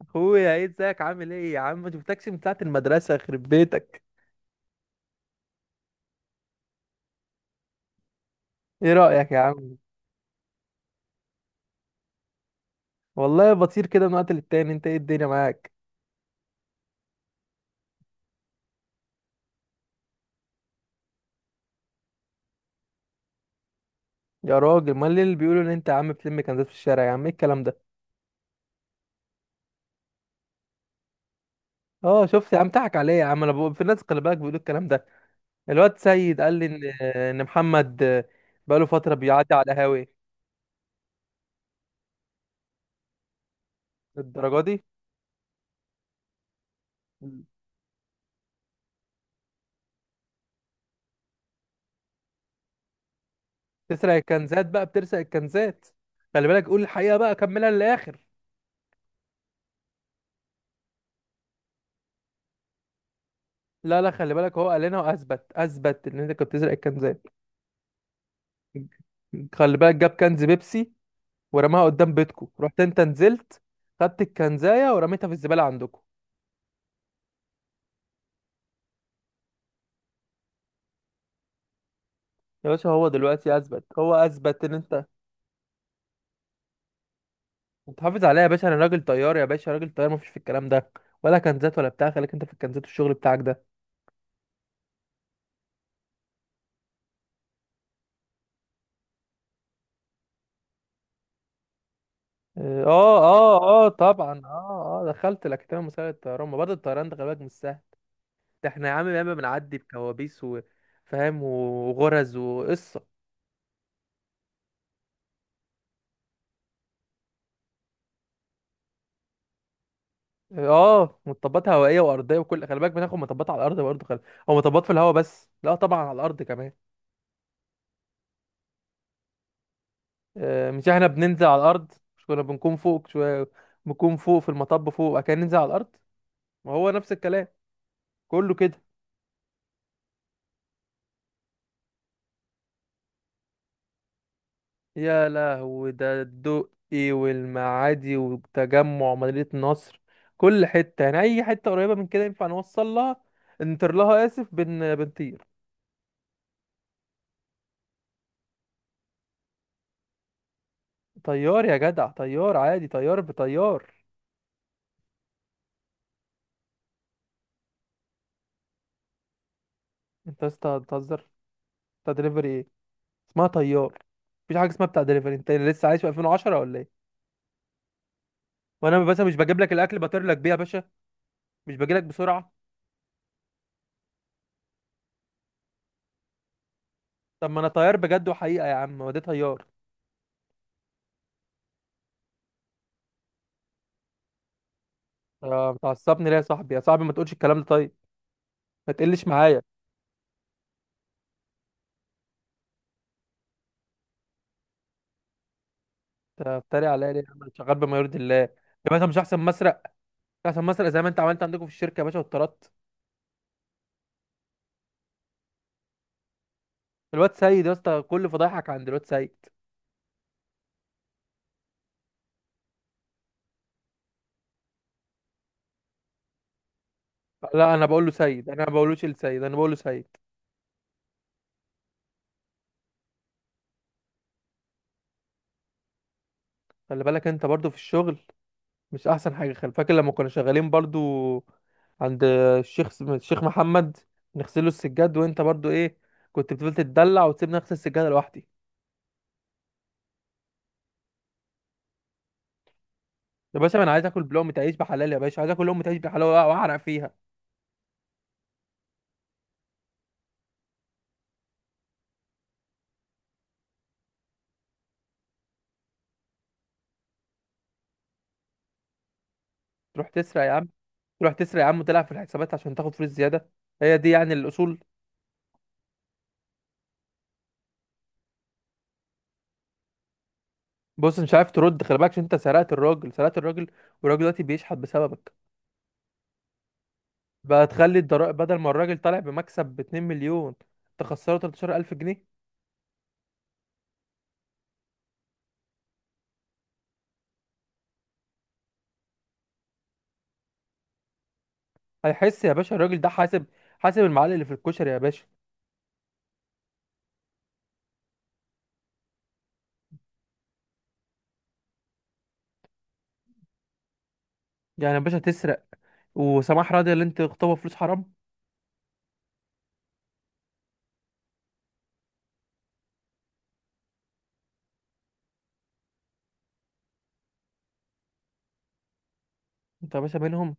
اخويا، ايه؟ ازيك؟ عامل ايه يا عم؟ ما شفتكش من ساعه المدرسه، يخرب بيتك. ايه رايك يا عم؟ والله بطير كده من وقت للتاني. انت ايه الدنيا معاك؟ يا راجل، ما اللي بيقولوا ان انت يا عم بتلم كنزات في الشارع، يا عم ايه الكلام ده؟ اه شفت يا عم، ضحك عليا يا عم. انا بقول في الناس، خلي بالك، بيقولوا الكلام ده. الواد سيد قال لي ان محمد بقاله فتره بيعدي على هاوي. الدرجه دي؟ تسرق الكنزات بقى، بتسرق الكنزات. خلي بالك، قول الحقيقه بقى، كملها للاخر. لا لا، خلي بالك، هو قال لنا واثبت، اثبت ان انت كنت بتسرق الكنزات. خلي بالك، جاب كنز بيبسي ورماها قدام بيتكو، رحت انت نزلت خدت الكنزايه ورميتها في الزباله عندكم. يا باشا، هو دلوقتي اثبت، هو اثبت ان انت. انت حافظ عليا يا باشا، انا راجل طيار يا باشا، راجل طيار، مفيش في الكلام ده ولا كنزات ولا بتاع. خليك انت في الكنزات والشغل بتاعك ده. طبعا دخلت الاكاديميه المصريه للطيران. ما برضه الطيران ده خلي بالك مش سهل، ده احنا يا عم ياما بنعدي بكوابيس وفاهم وغرز وقصه. اه، مطبات هوائيه وارضيه وكل، خلي بالك بناخد مطبات على الارض برضه، خلي، او مطبات في الهواء، بس لا طبعا على الارض كمان. مش احنا بننزل على الارض؟ مش كنا بنكون فوق شويه، بنكون فوق في المطب فوق، وبعد كده ننزل على الارض. ما هو نفس الكلام، كله كده. يا لهوي، ده الدقي والمعادي وتجمع مدينه نصر، كل حته، يعني اي حته قريبه من كده ينفع نوصل لها، نطير لها، اسف بن بنطير. طيار يا جدع، طيار عادي، طيار بطيار. انت يا اسطى بتهزر؟ انت دليفري؟ اسمها طيار، مفيش حاجه اسمها بتاع دليفري. انت لسه عايش في 2010 ولا ايه؟ وانا بس مش بجيب لك الاكل، بطير لك بيه يا باشا، مش باجي لك بسرعه؟ طب ما انا طيار بجد وحقيقه يا عم، هو ده طيار. بتعصبني ليه يا صاحبي؟ يا صاحبي، ما تقولش الكلام ده طيب، ما تقلش معايا. انت بتتريق عليا ليه يا عم؟ أنا شغال بما يرضي الله يا باشا، مش احسن مسرق؟ مش احسن مسرق زي ما انت عملت عندكم في الشركه يا باشا واتطردت. الواد سيد يا اسطى، كل فضايحك عند الواد سيد. لا انا بقول له سيد، انا ما بقولوش السيد، انا بقول له سيد. خلي بالك انت برضو في الشغل، مش احسن حاجه؟ خل فاكر لما كنا شغالين برضو عند الشيخ، محمد، نغسله السجاد، وانت برضو ايه، كنت بتفضل تتدلع وتسيبني اغسل السجاده لوحدي. يا باشا ما انا عايز اكل بلقمه عيش بحلال يا باشا، عايز اكل لقمه عيش بحلال واعرق فيها. تروح تسرق يا عم؟ تروح تسرق يا عم وتلعب في الحسابات عشان تاخد فلوس زياده؟ هي دي يعني الاصول؟ بص، مش عارف ترد، خلي بالك، عشان انت سرقت الراجل، سرقت الراجل، والراجل دلوقتي بيشحت بسببك. بقى تخلي الضرائب بدل ما الراجل طالع بمكسب ب 2 مليون، تخسره 13,000 جنيه؟ هيحس يا باشا الراجل ده؟ حاسب، حاسب المعلق اللي في الكشري يا باشا. يعني يا باشا تسرق، وسماح راضي اللي انت تخطبها فلوس حرام؟ انت يا باشا منهم؟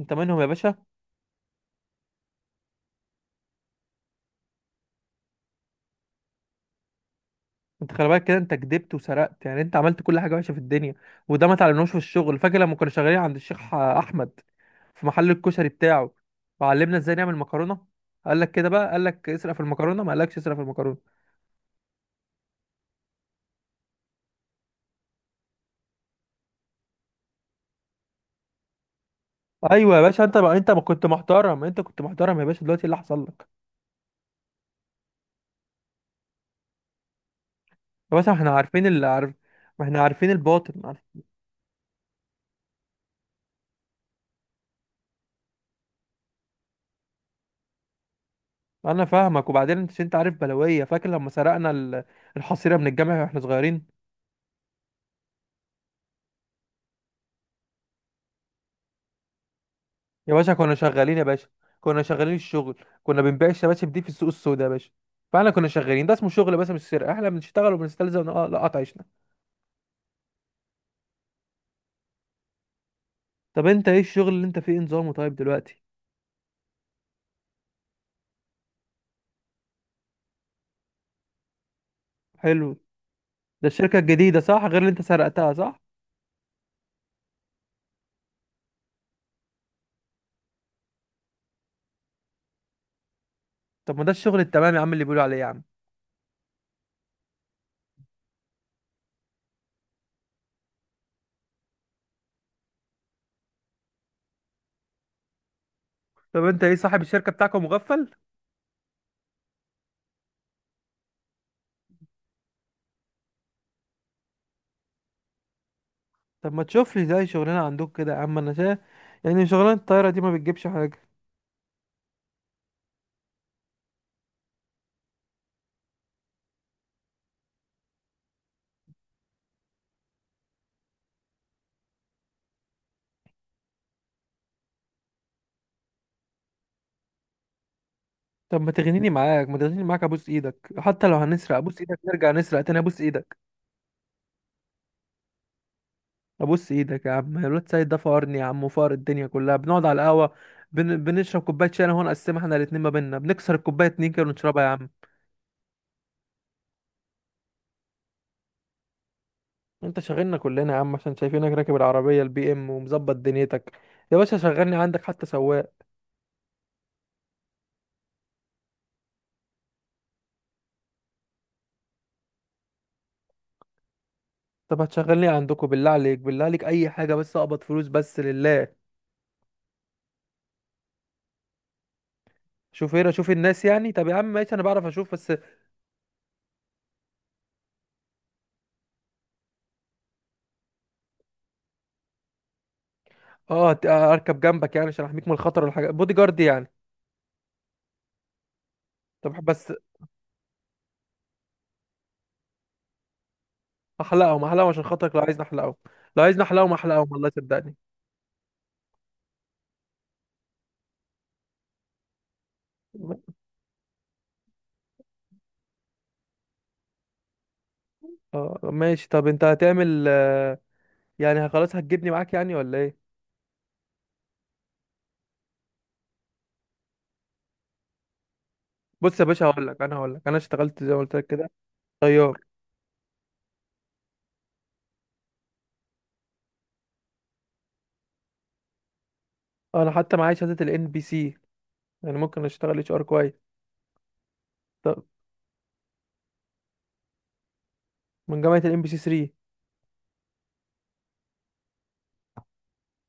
انت منهم يا باشا. انت خلي بالك كده، انت كدبت وسرقت، يعني انت عملت كل حاجه وحشه في الدنيا، وده ما تعلمناهوش في الشغل. فاكر لما كنا شغالين عند الشيخ احمد في محل الكشري بتاعه، وعلمنا ازاي نعمل مكرونه؟ قال لك كده بقى؟ قال لك اسرق في المكرونه؟ ما قالكش اسرق في المكرونه. ايوه يا باشا انت بقى، انت ما كنت محترم؟ انت كنت محترم يا باشا، دلوقتي إيه اللي حصل لك؟ يا باشا احنا عارفين اللي عارف، ما احنا عارفين الباطن. انا فاهمك. وبعدين انت، انت عارف بلويه، فاكر لما سرقنا الحصيره من الجامع واحنا صغيرين؟ يا باشا كنا شغالين يا باشا، كنا شغالين الشغل، كنا بنبيع الشباشب دي في السوق السوداء يا باشا، فاحنا كنا شغالين، ده اسمه شغل، بس مش سرقه، احنا بنشتغل وبنستلزم نقطع عيشنا. طب انت ايه الشغل اللي انت فيه؟ إيه نظامه طيب دلوقتي؟ حلو، ده الشركه الجديده صح؟ غير اللي انت سرقتها صح؟ طب ما ده الشغل التمام يا عم اللي بيقولوا عليه يا عم. طب انت ايه، صاحب الشركه بتاعكم مغفل؟ طب ما تشوف لي زي شغلنا عندك كده يا عم، انا شايف يعني شغلانه الطياره دي ما بتجيبش حاجه. طب ما تغنيني معاك، ما تغنيني معاك ابوس ايدك، حتى لو هنسرق ابوس ايدك، نرجع نسرق تاني، ابوس ايدك، ابوس ايدك يا عم. الواد سيد ده فقرني يا عم وفقر الدنيا كلها، بنقعد على القهوه، بنشرب كوبايه شاي انا هو، نقسمها احنا الاتنين ما بينا، بنكسر الكوبايه اتنين كده ونشربها يا عم. انت شاغلنا كلنا يا عم، عشان شايفينك راكب العربيه البي ام ومظبط دنيتك. يا باشا شغلني عندك حتى سواق. طب هتشغلني عندكم؟ بالله عليك، بالله عليك، اي حاجه بس اقبض فلوس بس لله. شوف هنا، شوف الناس يعني. طب يا عم ماشي، انا بعرف اشوف بس. اه اركب جنبك يعني، عشان احميك من الخطر والحاجات، بودي جارد يعني. طب بس احلقهم، احلقهم عشان خاطرك، لو عايزني احلقهم، لو عايزني احلقهم احلقهم، والله صدقني. اه ماشي. طب انت هتعمل يعني خلاص هتجيبني معاك يعني ولا ايه؟ بص يا باشا، هقول لك انا اشتغلت زي ما قلت لك كده، طيار. انا حتى معايا شهاده الان بي سي، يعني ممكن اشتغل اتش ار كويس. طب من جامعه الان بي سي 3.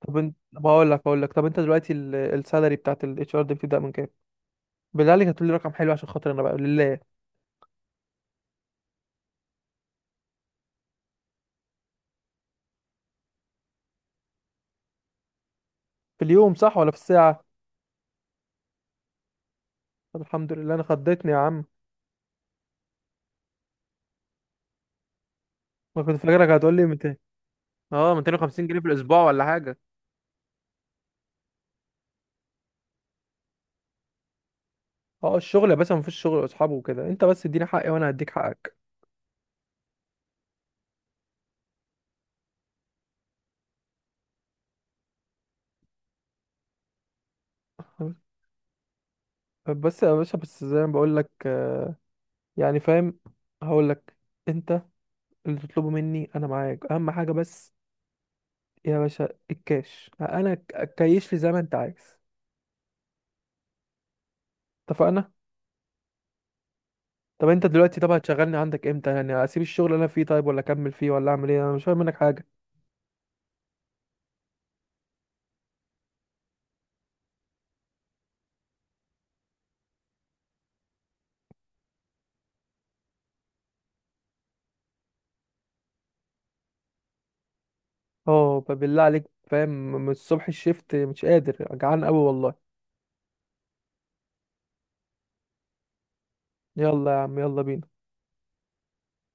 طب هقول لك، هقول لك طب انت دلوقتي السالري بتاعت الاتش ار دي بتبدا من كام؟ بالله عليك هتقول لي رقم حلو عشان خاطر انا بقى لله. في اليوم صح ولا في الساعه؟ طب الحمد لله، انا خضتني يا عم. ما كنت فاكرك هتقول لي 200. اه 250 جنيه في الاسبوع ولا حاجه؟ اه الشغل يا باشا، مفيش شغل اصحابه وكده، انت بس اديني حقي وانا هديك حقك. بس يا باشا، بس زي ما بقول لك، يعني فاهم. هقول لك، انت اللي تطلبه مني انا معاك، اهم حاجه بس يا باشا الكاش، انا كيش لي زي ما انت عايز. اتفقنا. طب انت دلوقتي، طب هتشغلني عندك امتى يعني؟ اسيب الشغل اللي انا فيه طيب ولا اكمل فيه ولا اعمل ايه؟ انا مش فاهم منك حاجه. اه فبالله عليك فاهم، من الصبح الشفت مش قادر، جعان قوي والله. يلا يا عم، يلا بينا.